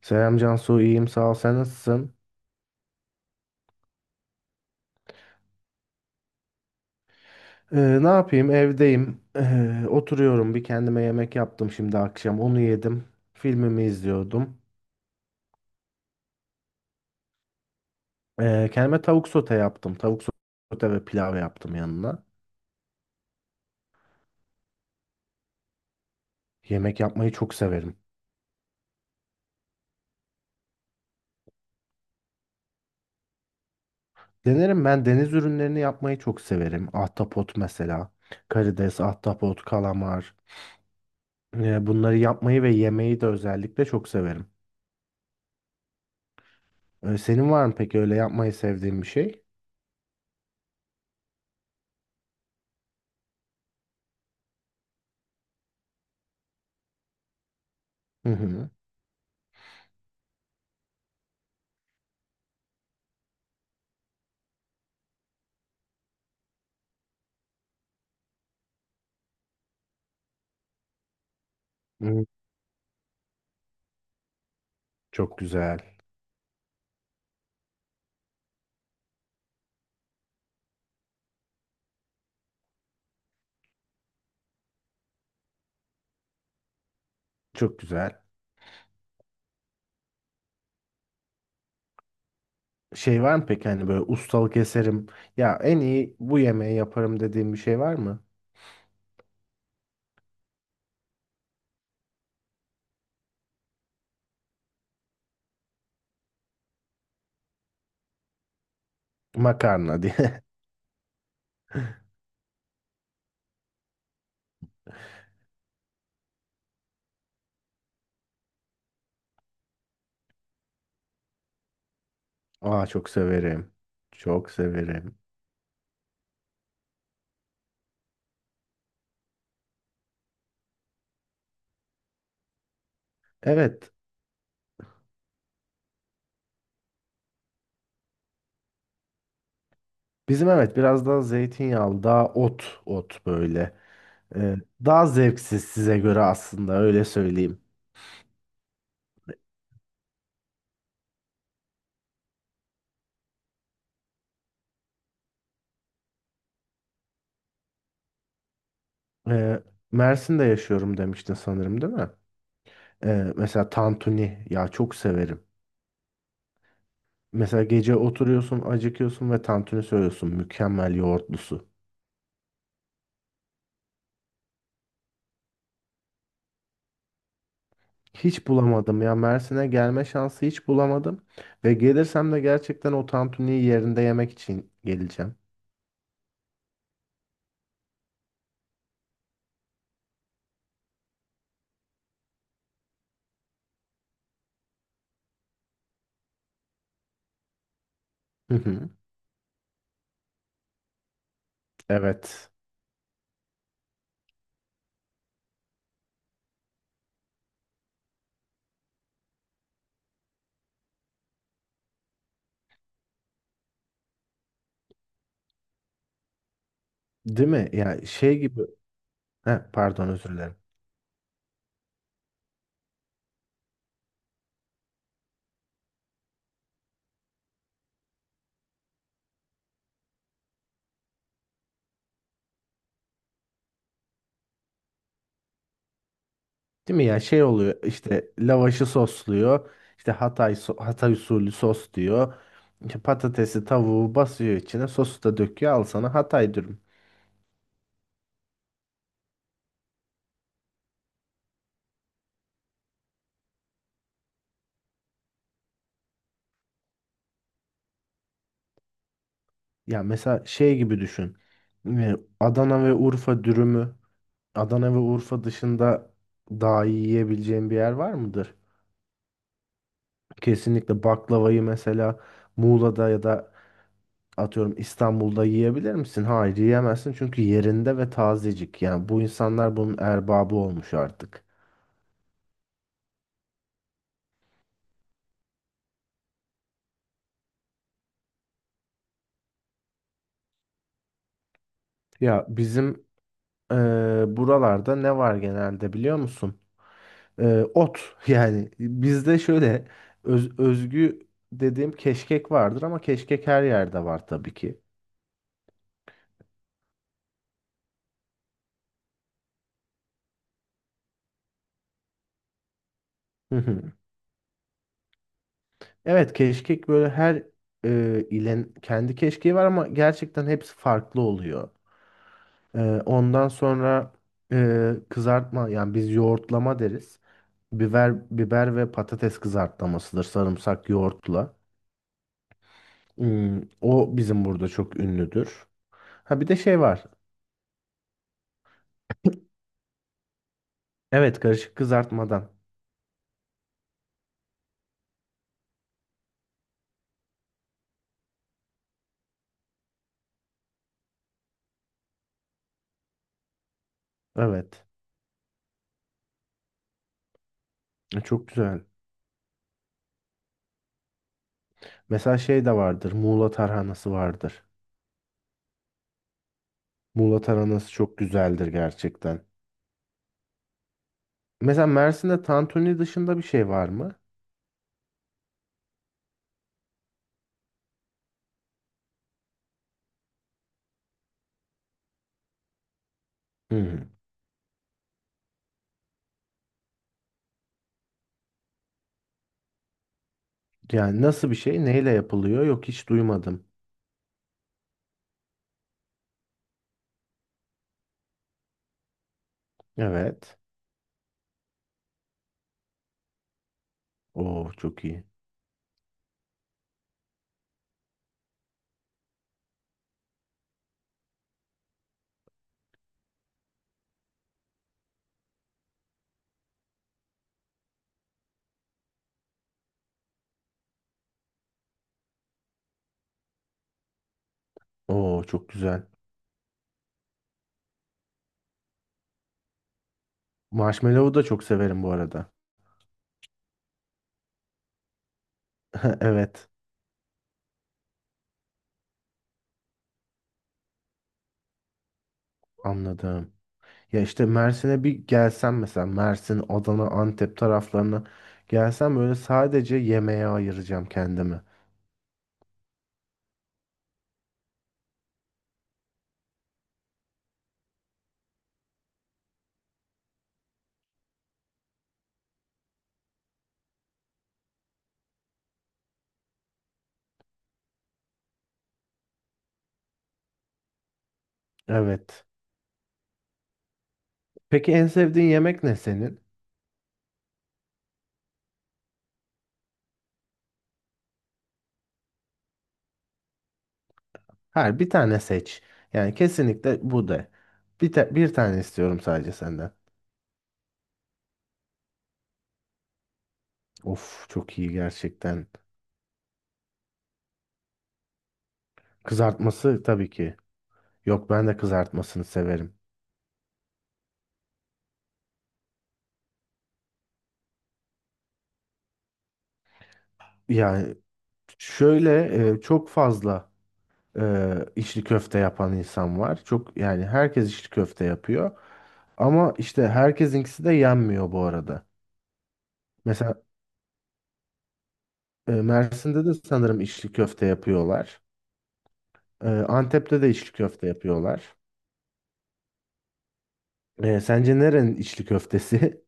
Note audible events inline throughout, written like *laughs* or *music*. Selam Cansu, iyiyim sağ ol. Sen nasılsın? Ee, ne yapayım? Evdeyim. Oturuyorum. Bir kendime yemek yaptım şimdi akşam. Onu yedim. Filmimi izliyordum. Kendime tavuk sote yaptım. Tavuk sote ve pilav yaptım yanına. Yemek yapmayı çok severim. Denerim ben deniz ürünlerini yapmayı çok severim. Ahtapot mesela. Karides, ahtapot, kalamar. Bunları yapmayı ve yemeyi de özellikle çok severim. Senin var mı peki öyle yapmayı sevdiğin bir şey? Hı hı. Hı, çok güzel. Çok güzel. Şey var mı peki hani böyle ustalık eserim ya en iyi bu yemeği yaparım dediğim bir şey var mı? Makarna diye. *laughs* Aa çok severim. Çok severim. Evet. Bizim evet biraz daha zeytinyağlı daha ot ot böyle. Ee, daha zevksiz size göre aslında öyle söyleyeyim. Ee, Mersin'de yaşıyorum demiştin sanırım değil mi? Mesela tantuni ya çok severim. Mesela gece oturuyorsun acıkıyorsun ve tantuni söylüyorsun mükemmel yoğurtlusu. Hiç bulamadım ya. Mersin'e gelme şansı hiç bulamadım. Ve gelirsem de gerçekten o tantuniyi yerinde yemek için geleceğim. Hı hı. Evet. Değil mi? Ya şey gibi. Heh, pardon özür dilerim. Değil mi ya şey oluyor işte lavaşı sosluyor. İşte Hatay, Hatay usulü sos diyor. İşte patatesi tavuğu basıyor içine sosu da döküyor al sana Hatay dürüm. Ya mesela şey gibi düşün. Adana ve Urfa dürümü Adana ve Urfa dışında daha iyi yiyebileceğim bir yer var mıdır? Kesinlikle baklavayı mesela Muğla'da ya da atıyorum İstanbul'da yiyebilir misin? Hayır yiyemezsin çünkü yerinde ve tazecik. Yani bu insanlar bunun erbabı olmuş artık. Ya bizim eee, buralarda ne var genelde biliyor musun? Ot *laughs* yani bizde şöyle özgü dediğim keşkek vardır ama keşkek her yerde var tabii ki. *laughs* Evet keşkek böyle her ilin kendi keşkeği var ama gerçekten hepsi farklı oluyor. E, ondan sonra kızartma yani biz yoğurtlama deriz. Biber biber ve patates kızartlamasıdır sarımsak yoğurtla. Hmm, o bizim burada çok ünlüdür. Ha bir de şey var. Evet karışık kızartmadan. Evet. Çok güzel. Mesela şey de vardır. Muğla tarhanası vardır. Muğla tarhanası çok güzeldir gerçekten. Mesela Mersin'de tantuni dışında bir şey var mı? Hmm. Yani nasıl bir şey? Neyle yapılıyor? Yok hiç duymadım. Evet. Oo çok iyi. Oo çok güzel. Marshmallow'u da çok severim bu arada. *laughs* Evet, anladım. Ya işte Mersin'e bir gelsem mesela Mersin, Adana, Antep taraflarına gelsem böyle sadece yemeğe ayıracağım kendimi. Evet. Peki en sevdiğin yemek ne senin? Her bir tane seç. Yani kesinlikle bu de. Bir, bir tane istiyorum sadece senden. Of çok iyi gerçekten. Kızartması tabii ki. Yok ben de kızartmasını severim. Yani şöyle çok fazla içli köfte yapan insan var. Çok yani herkes içli köfte yapıyor. Ama işte herkesinkisi de yenmiyor bu arada. Mesela Mersin'de de sanırım içli köfte yapıyorlar. Antep'te de içli köfte yapıyorlar. Sence nerenin içli köftesi?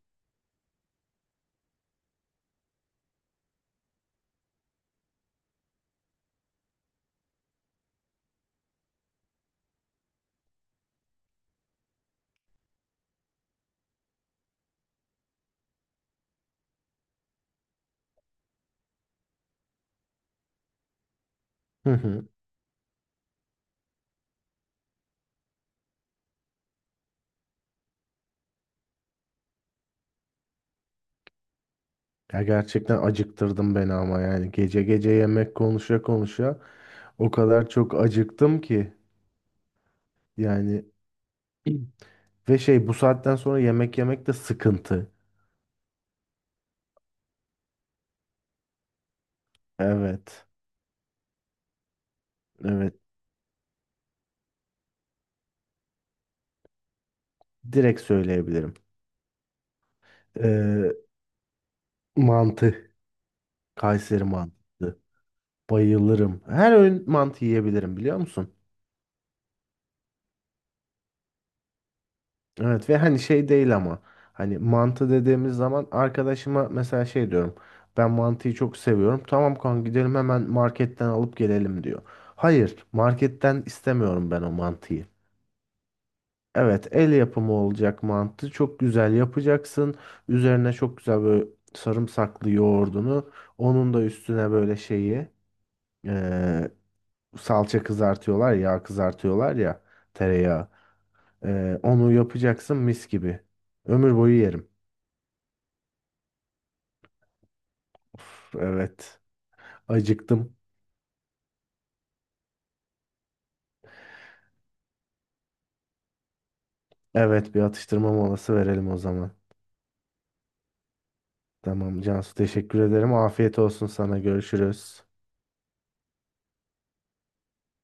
*laughs* Hı hı. Ya gerçekten acıktırdım beni ama yani gece gece yemek konuşa konuşa. O kadar çok acıktım ki yani ve şey bu saatten sonra yemek yemek de sıkıntı. Evet. Evet. Direkt söyleyebilirim. Ee, mantı. Kayseri mantısı. Bayılırım. Her öğün mantı yiyebilirim biliyor musun? Evet ve hani şey değil ama hani mantı dediğimiz zaman arkadaşıma mesela şey diyorum. Ben mantıyı çok seviyorum. Tamam kanka gidelim hemen marketten alıp gelelim diyor. Hayır, marketten istemiyorum ben o mantıyı. Evet, el yapımı olacak mantı. Çok güzel yapacaksın. Üzerine çok güzel böyle sarımsaklı yoğurdunu. Onun da üstüne böyle şeyi eee, salça kızartıyorlar, yağ kızartıyorlar ya tereyağı. Onu yapacaksın mis gibi. Ömür boyu yerim. Of, evet. Acıktım. Evet, bir atıştırma molası verelim o zaman. Tamam Cansu teşekkür ederim. Afiyet olsun sana. Görüşürüz.